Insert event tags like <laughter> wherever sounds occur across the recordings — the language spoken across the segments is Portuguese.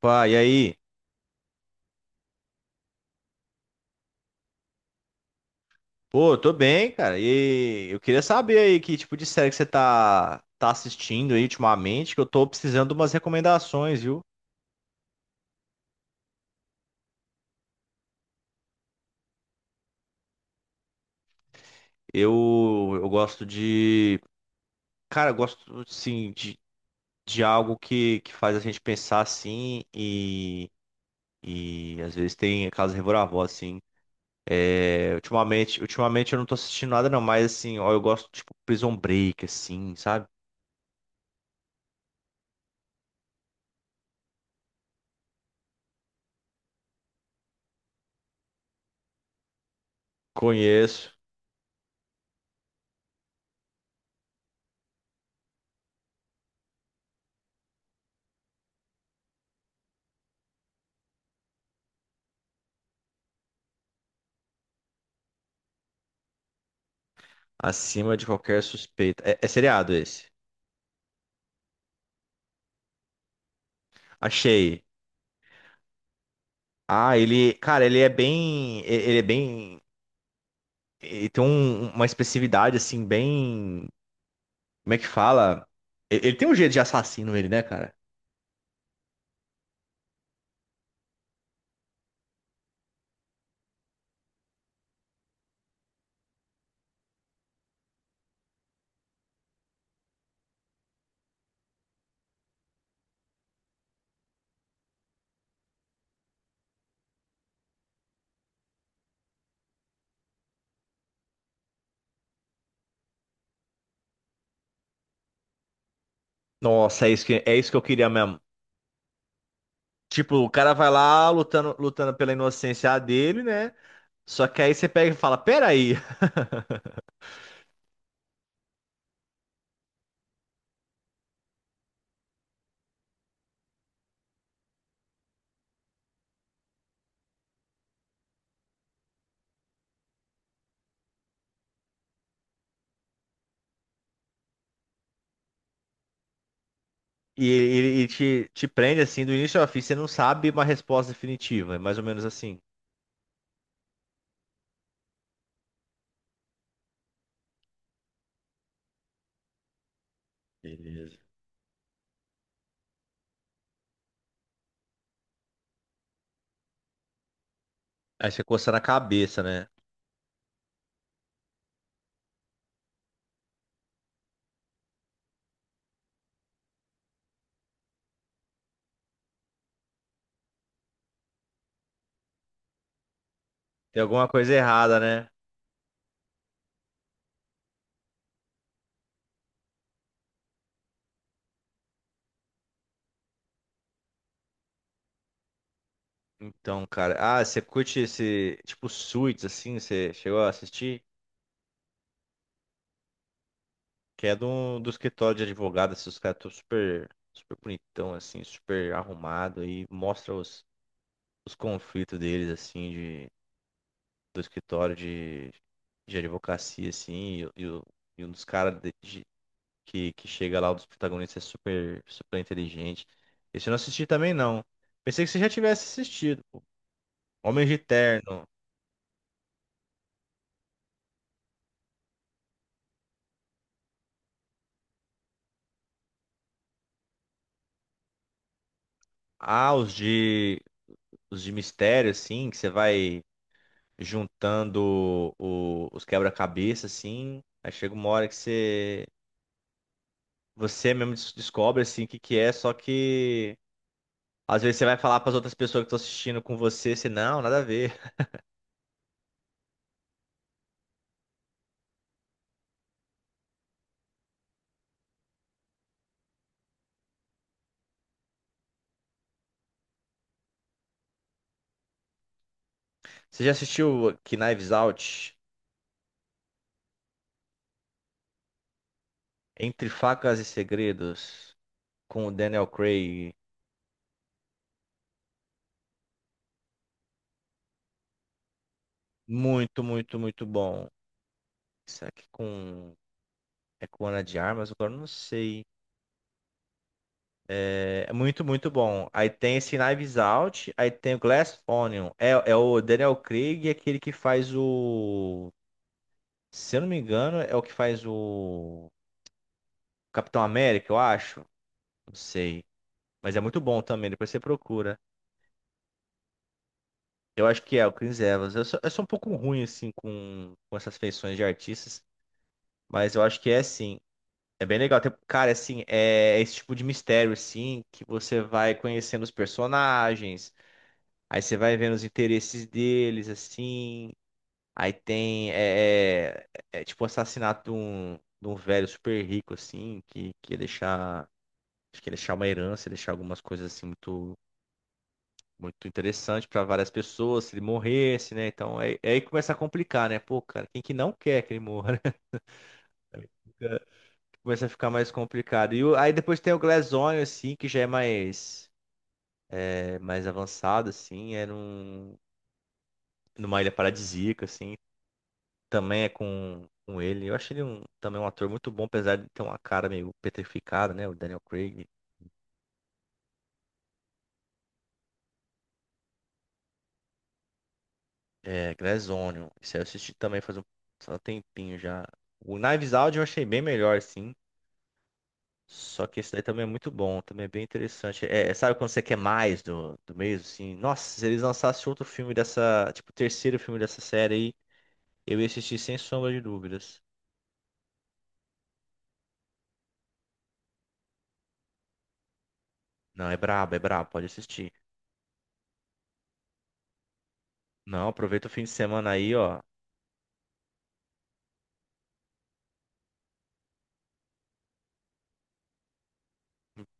Pá, e aí? Pô, tô bem, cara. E eu queria saber aí que tipo de série que você tá, assistindo aí ultimamente, que eu tô precisando de umas recomendações, viu? Eu gosto de. Cara, eu gosto, assim, de algo que faz a gente pensar assim e às vezes tem aquelas reviravoltas, assim. É, ultimamente, ultimamente eu não tô assistindo nada, não, mas assim, ó, eu gosto, tipo, Prison Break, assim, sabe? Conheço acima de qualquer suspeita. É, é seriado esse? Achei. Ah, ele, cara, ele é bem, ele é bem, ele tem uma expressividade assim bem, como é que fala? Ele tem um jeito de assassino ele, né, cara? Nossa, é isso que eu queria mesmo. Tipo, o cara vai lá lutando, lutando pela inocência dele, né? Só que aí você pega e fala, peraí. <laughs> E ele te, te prende assim do início ao fim, você não sabe uma resposta definitiva, é mais ou menos assim. Beleza. Aí você coça na cabeça, né? Tem alguma coisa errada, né? Então, cara. Ah, você curte esse tipo Suits, assim? Você chegou a assistir? Que é do, do escritório de advogado. Assim, os caras estão super, super bonitão, assim, super arrumado. E mostra os conflitos deles, assim, de, do escritório de advocacia, assim. E, e um dos caras que chega lá, um dos protagonistas, é super, super inteligente. Esse eu não assisti também, não. Pensei que você já tivesse assistido. Homens de Terno. Ah, os de. Os de mistério, assim, que você vai juntando os quebra-cabeça, assim. Aí chega uma hora que você, você mesmo descobre, assim, o que que é, só que às vezes você vai falar para as outras pessoas que estão assistindo com você, você, não, nada a ver. <laughs> Você já assistiu que Knives Out? Entre Facas e Segredos, com o Daniel Craig. Muito, muito, muito bom. Será que com. É com Ana de Armas? Agora eu não sei. É muito, muito bom. Aí tem esse Knives Out, aí tem o Glass Onion. É, é o Daniel Craig, é aquele que faz o. Se eu não me engano, é o que faz o Capitão América, eu acho. Não sei. Mas é muito bom também, depois você procura. Eu acho que é o Chris Evans. Eu sou um pouco ruim, assim, com essas feições de artistas, mas eu acho que é sim. É bem legal. Cara, assim, é esse tipo de mistério, assim, que você vai conhecendo os personagens. Aí você vai vendo os interesses deles, assim. Aí tem, é, é tipo o assassinato de um velho super rico, assim, que ia deixar, acho que ia deixar uma herança, ia deixar algumas coisas, assim, muito, muito interessante para várias pessoas, se ele morresse, né? Então, aí, aí começa a complicar, né? Pô, cara, quem que não quer que ele morra, né? <laughs> Começa a ficar mais complicado. Aí depois tem o Glass Onion, assim, que já é mais avançado, assim, é num, numa ilha paradisíaca, assim. Também é com ele. Eu achei ele um, também um ator muito bom, apesar de ter uma cara meio petrificada, né? O Daniel Craig. É, Glass Onion. Isso aí eu assisti também faz um tempinho já. O Knives Out eu achei bem melhor, sim. Só que esse daí também é muito bom, também é bem interessante. É, é, sabe quando você quer mais do, do mesmo, assim? Nossa, se eles lançassem outro filme dessa, tipo, o terceiro filme dessa série aí, eu ia assistir sem sombra de dúvidas. Não, é brabo, pode assistir. Não, aproveita o fim de semana aí, ó.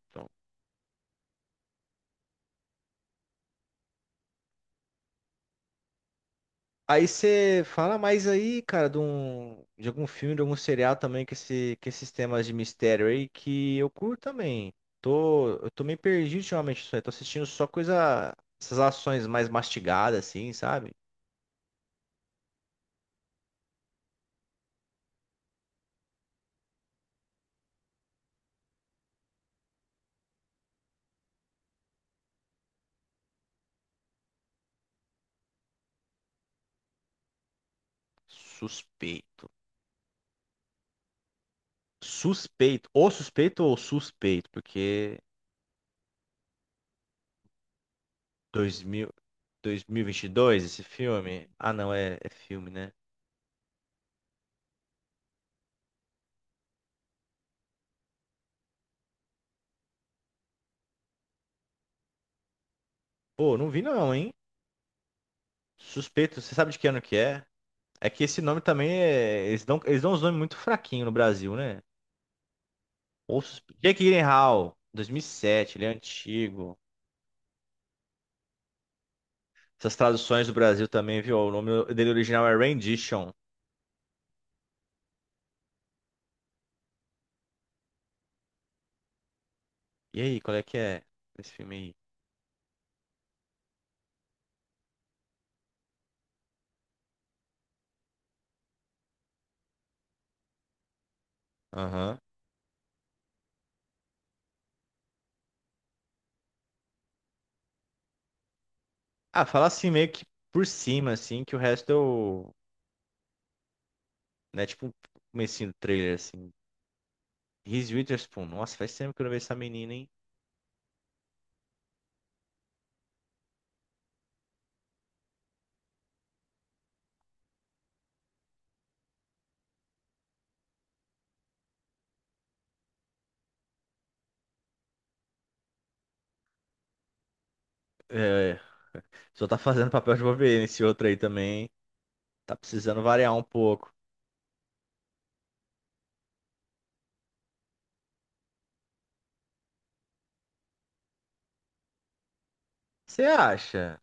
Então, aí você fala mais aí, cara, de, um, de algum filme, de algum serial também, que, esse, que esses temas de mistério aí, que eu curto também. Tô, eu tô meio perdido ultimamente, isso. Tô assistindo só coisa, essas ações mais mastigadas, assim, sabe? Suspeito. Suspeito. Ou suspeito ou suspeito, porque 2000, 2022, esse filme. Ah, não, é, é filme, né? Pô, não vi não, hein? Suspeito, você sabe de que ano que é? É que esse nome também é. Eles dão uns nomes muito fraquinhos no Brasil, né? Osso- Jake Gyllenhaal, 2007, ele é antigo. Essas traduções do Brasil também, viu? O nome dele original é Rendition. E aí, qual é que é esse filme aí? Aham. Ah, fala assim meio que por cima, assim, que o resto eu. Né, tipo um comecinho do trailer, assim. Reese Witherspoon. Nossa, faz tempo que eu não vejo essa menina, hein? É, só tá fazendo papel de Wolverine esse outro aí também. Tá precisando variar um pouco. Você acha?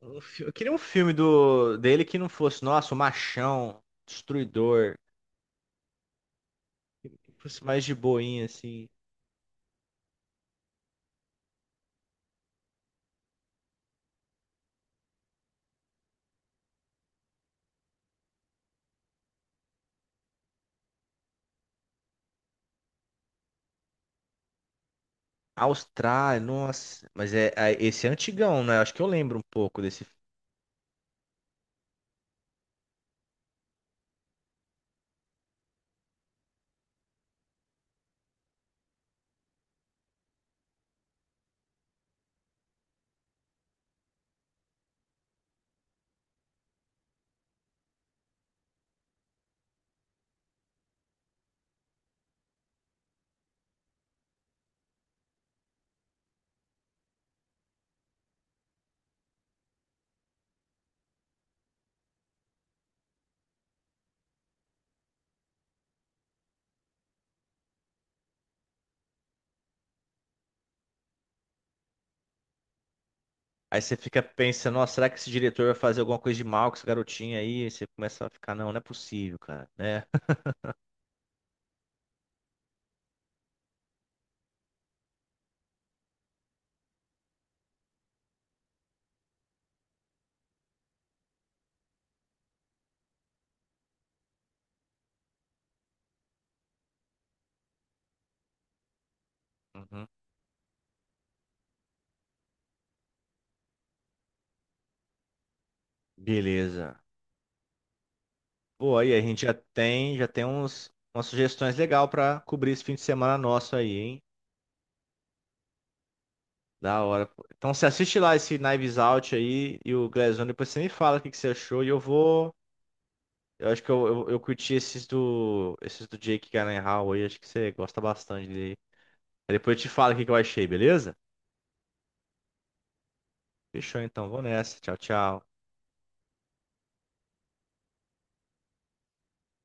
Eu queria um filme do dele que não fosse, nossa, o machão, destruidor, que fosse mais de boinha, assim. Austrália, nossa. Mas é, esse é antigão, né? Acho que eu lembro um pouco desse. Aí você fica pensando, nossa, será que esse diretor vai fazer alguma coisa de mal com esse garotinho aí? Aí você começa a ficar, não, não é possível, cara, né? <laughs> Uhum. Beleza. Pô, aí a gente já tem uns, umas sugestões legais pra cobrir esse fim de semana nosso aí, hein? Da hora, pô. Então você assiste lá esse Knives Out aí e o Glass Onion, depois você me fala o que que você achou e eu vou. Eu acho que eu, eu curti esses do. Esses do Jake Gyllenhaal aí, acho que você gosta bastante dele. Aí depois eu te falo o que que eu achei, beleza? Fechou então, vou nessa. Tchau, tchau.